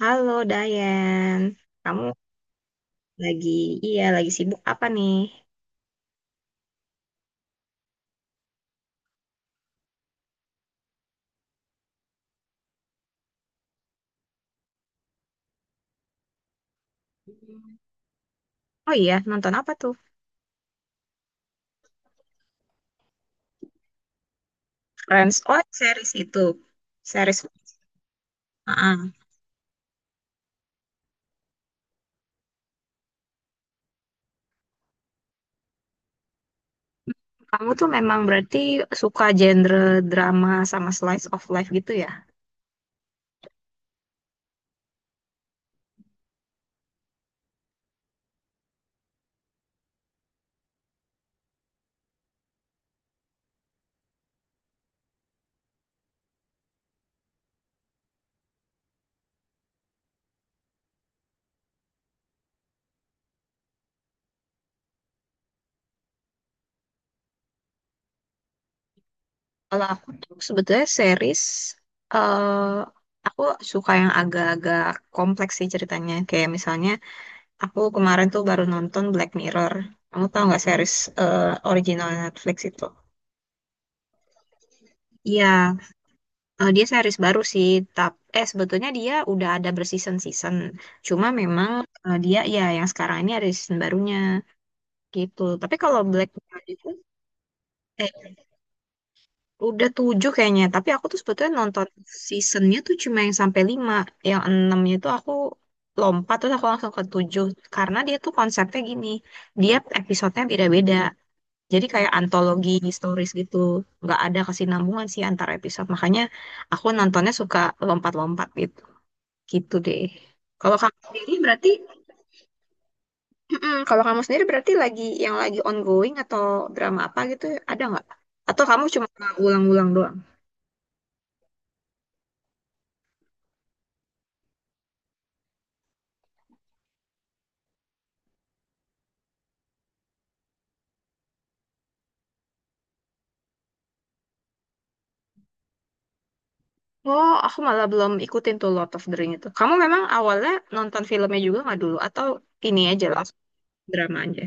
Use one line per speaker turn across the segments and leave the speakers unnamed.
Halo Dayan, kamu lagi, iya, lagi sibuk apa nih? Oh iya, nonton apa tuh? Friends, oh series itu, series. Ah, kamu tuh memang berarti suka genre drama sama slice of life gitu ya? Kalau aku tuh sebetulnya series, eh aku suka yang agak-agak kompleks sih ceritanya. Kayak misalnya aku kemarin tuh baru nonton Black Mirror. Kamu tau nggak series eh, original Netflix itu? Iya. Dia series baru sih, tap eh sebetulnya dia udah ada berseason-season. Cuma memang dia ya yang sekarang ini ada season barunya gitu. Tapi kalau Black Mirror itu eh udah tujuh kayaknya. Tapi aku tuh sebetulnya nonton seasonnya tuh cuma yang sampai lima, yang enamnya itu aku lompat terus aku langsung ke tujuh karena dia tuh konsepnya gini, dia episodenya beda-beda. Jadi kayak antologi historis gitu, nggak ada kesinambungan sih antar episode. Makanya aku nontonnya suka lompat-lompat gitu. Gitu deh. Kalau kamu sendiri berarti, mm-mm, kalau kamu sendiri berarti lagi yang lagi ongoing atau drama apa gitu ada nggak? Atau kamu cuma ulang-ulang doang? Oh, aku malah belum ikutin tuh Lord of the Ring itu. Kamu memang awalnya nonton filmnya juga nggak dulu? Atau ini aja langsung drama aja?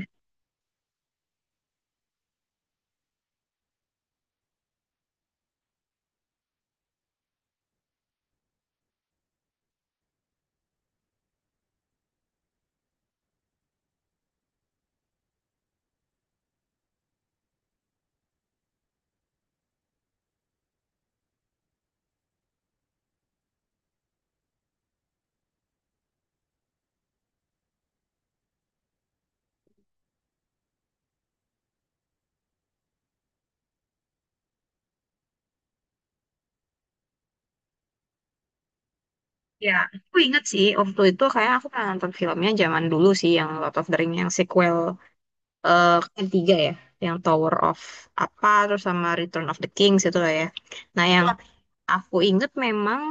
Ya, aku inget sih waktu itu kayak aku pernah nonton filmnya zaman dulu sih yang Lord of the Ring yang sequel ketiga ya, yang Tower of apa terus sama Return of the Kings itu lah ya. Nah, yang aku inget memang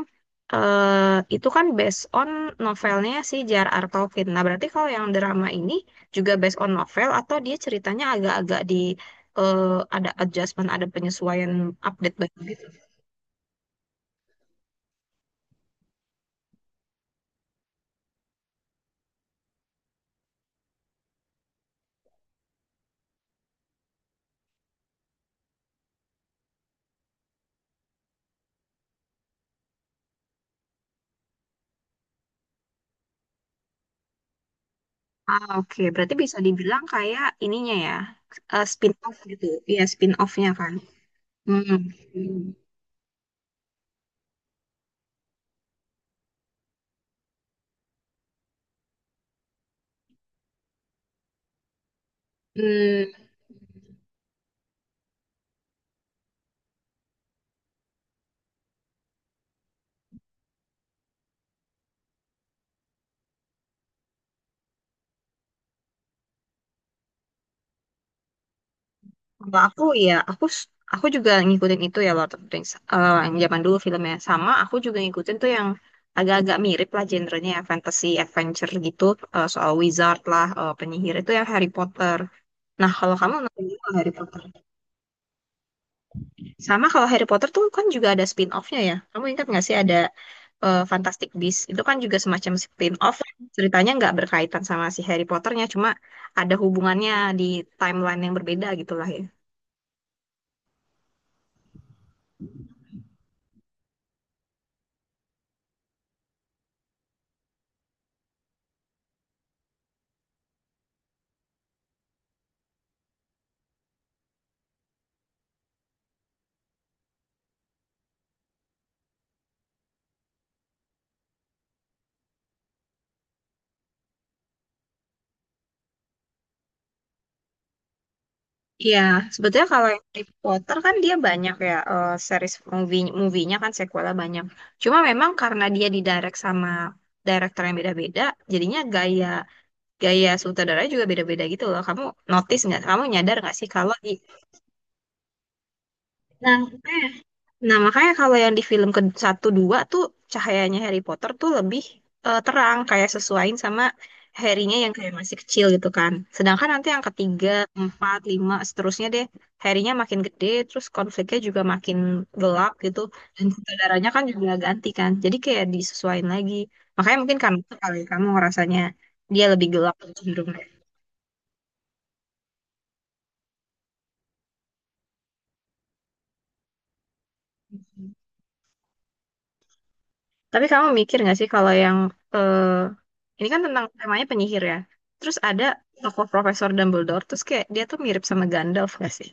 itu kan based on novelnya si J.R.R. Tolkien. Nah, berarti kalau yang drama ini juga based on novel atau dia ceritanya agak-agak di eh, ada adjustment, ada penyesuaian, update baru gitu. Ah, oke. Berarti bisa dibilang kayak ininya ya, spin-off gitu. Iya, spin-off-nya kan. Hmm. Hmm. Kalau aku ya, aku juga ngikutin itu ya Lord of the Rings. Eh, yang zaman dulu filmnya sama, aku juga ngikutin tuh yang agak-agak mirip lah genrenya ya, fantasy adventure gitu, soal wizard lah, penyihir itu yang Harry Potter. Nah, kalau kamu nonton juga Harry Potter. Sama kalau Harry Potter tuh kan juga ada spin-off-nya ya. Kamu ingat nggak sih ada Fantastic Beasts? Itu kan juga semacam spin-off. Ceritanya nggak berkaitan sama si Harry Potternya, cuma ada hubungannya di timeline yang berbeda gitu lah ya. Iya, sebetulnya kalau yang Harry Potter kan dia banyak ya, series movie movie-nya kan sequelnya banyak. Cuma memang karena dia didirect sama director yang beda-beda, jadinya gaya gaya sutradaranya juga beda-beda gitu loh. Kamu notice nggak? Kamu nyadar nggak sih kalau di... Nah, eh, nah, makanya kalau yang di film ke satu dua tuh cahayanya Harry Potter tuh lebih terang kayak sesuaiin sama Harry-nya yang kayak masih kecil gitu kan. Sedangkan nanti yang ketiga, empat, lima, seterusnya deh Harry-nya makin gede, terus konfliknya juga makin gelap gitu. Dan saudaranya kan juga ganti kan. Jadi kayak disesuaiin lagi. Makanya mungkin karena itu kali ya, kamu ngerasanya dia lebih gelap cenderung. Tapi kamu mikir nggak sih kalau yang eh, ini kan tentang temanya penyihir ya. Terus ada tokoh Profesor Dumbledore, terus kayak dia tuh mirip sama Gandalf nggak sih?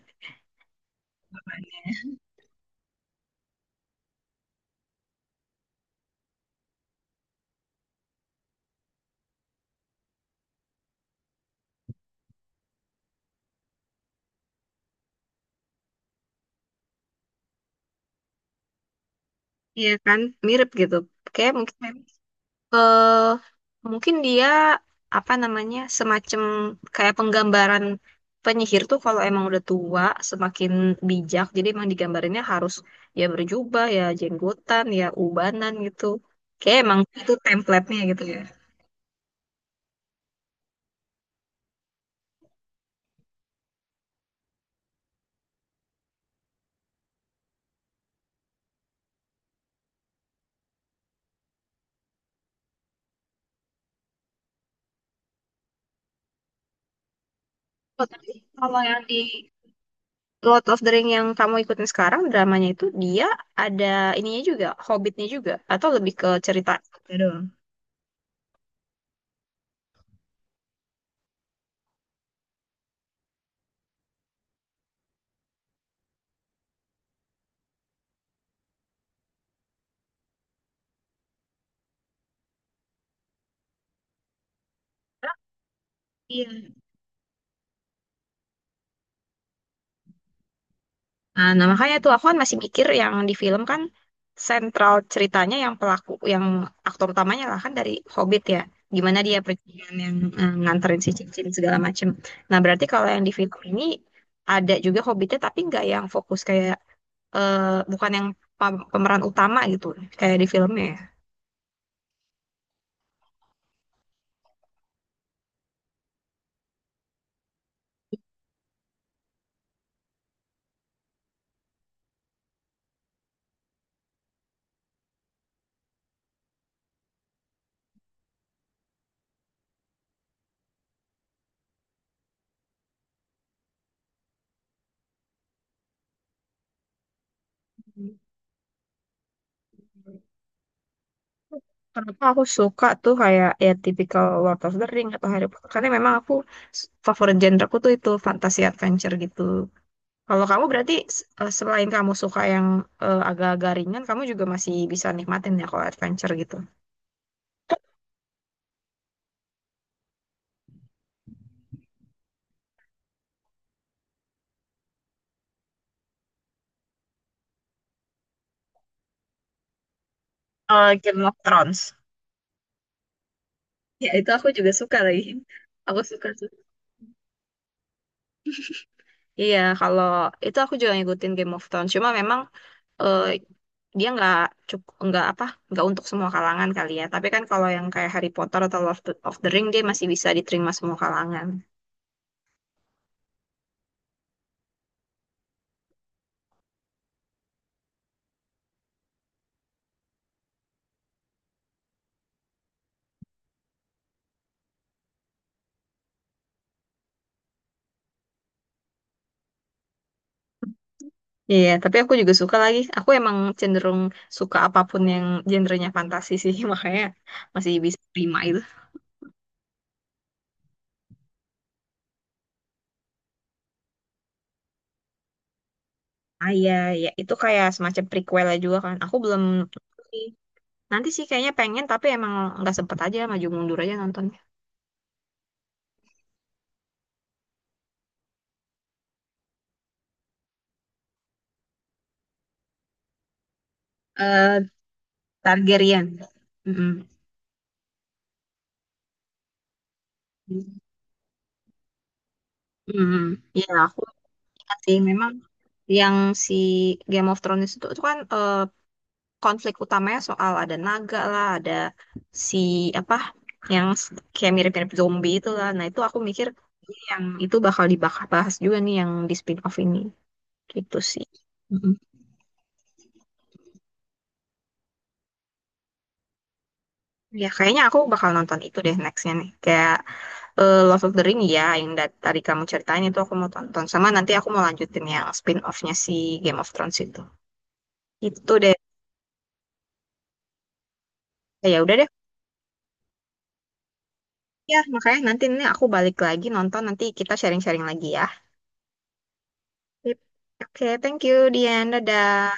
Iya kan, mirip gitu. Kayak mungkin eh mungkin dia apa namanya semacam kayak penggambaran penyihir tuh kalau emang udah tua semakin bijak. Jadi emang digambarinnya harus ya berjubah, ya jenggotan, ya ubanan gitu. Kayak emang itu template-nya gitu ya. Oh, tapi kalau yang di Lord of the Ring yang kamu ikutin sekarang dramanya itu dia ada ininya juga, Hobbitnya juga atau lebih ke cerita ya doang. Ah, iya. Nah, nah, makanya tuh aku kan masih mikir yang di film kan sentral ceritanya yang pelaku yang aktor utamanya lah kan dari Hobbit ya. Gimana dia perjalanan yang nganterin si cincin segala macem. Nah, berarti kalau yang di film ini ada juga Hobbitnya tapi nggak yang fokus kayak eh, bukan yang pemeran utama gitu kayak di filmnya ya. Kenapa aku suka tuh kayak ya tipikal Lord of the Ring atau Harry Potter karena memang aku favorit genreku tuh itu fantasy adventure gitu. Kalau kamu berarti selain kamu suka yang agak-agak ringan, kamu juga masih bisa nikmatin ya kalau adventure gitu. Eh, Game of Thrones. Ya itu aku juga suka lagi. Aku suka tuh. Iya, kalau itu aku juga ngikutin Game of Thrones. Cuma memang eh, dia nggak cukup, nggak apa, nggak untuk semua kalangan kali ya, tapi kan kalau yang kayak Harry Potter atau Lord of the Ring dia masih bisa diterima semua kalangan. Iya tapi aku juga suka lagi, aku emang cenderung suka apapun yang genrenya fantasi sih, makanya masih bisa terima itu. Ah iya, ya itu kayak semacam prequelnya juga kan. Aku belum, nanti sih kayaknya pengen tapi emang nggak sempet aja, maju mundur aja nontonnya. eh Targaryen. Mm-mm. Mm-mm. Ya aku ingat sih memang yang si Game of Thrones itu kan konflik utamanya soal ada naga lah, ada si apa yang kayak mirip-mirip zombie itu lah. Nah, itu aku mikir ini yang itu bakal dibahas juga nih yang di spin-off ini. Gitu sih. Mm-mm. Ya, kayaknya aku bakal nonton itu deh nextnya nih. Kayak Love of the Ring ya, yang tadi kamu ceritain itu aku mau tonton. Sama nanti aku mau lanjutin yang spin-off-nya si Game of Thrones itu. Itu deh. Ya udah deh. Ya, makanya nanti ini aku balik lagi nonton, nanti kita sharing-sharing lagi ya. Yep. Oke, thank you, Dian. Dadah.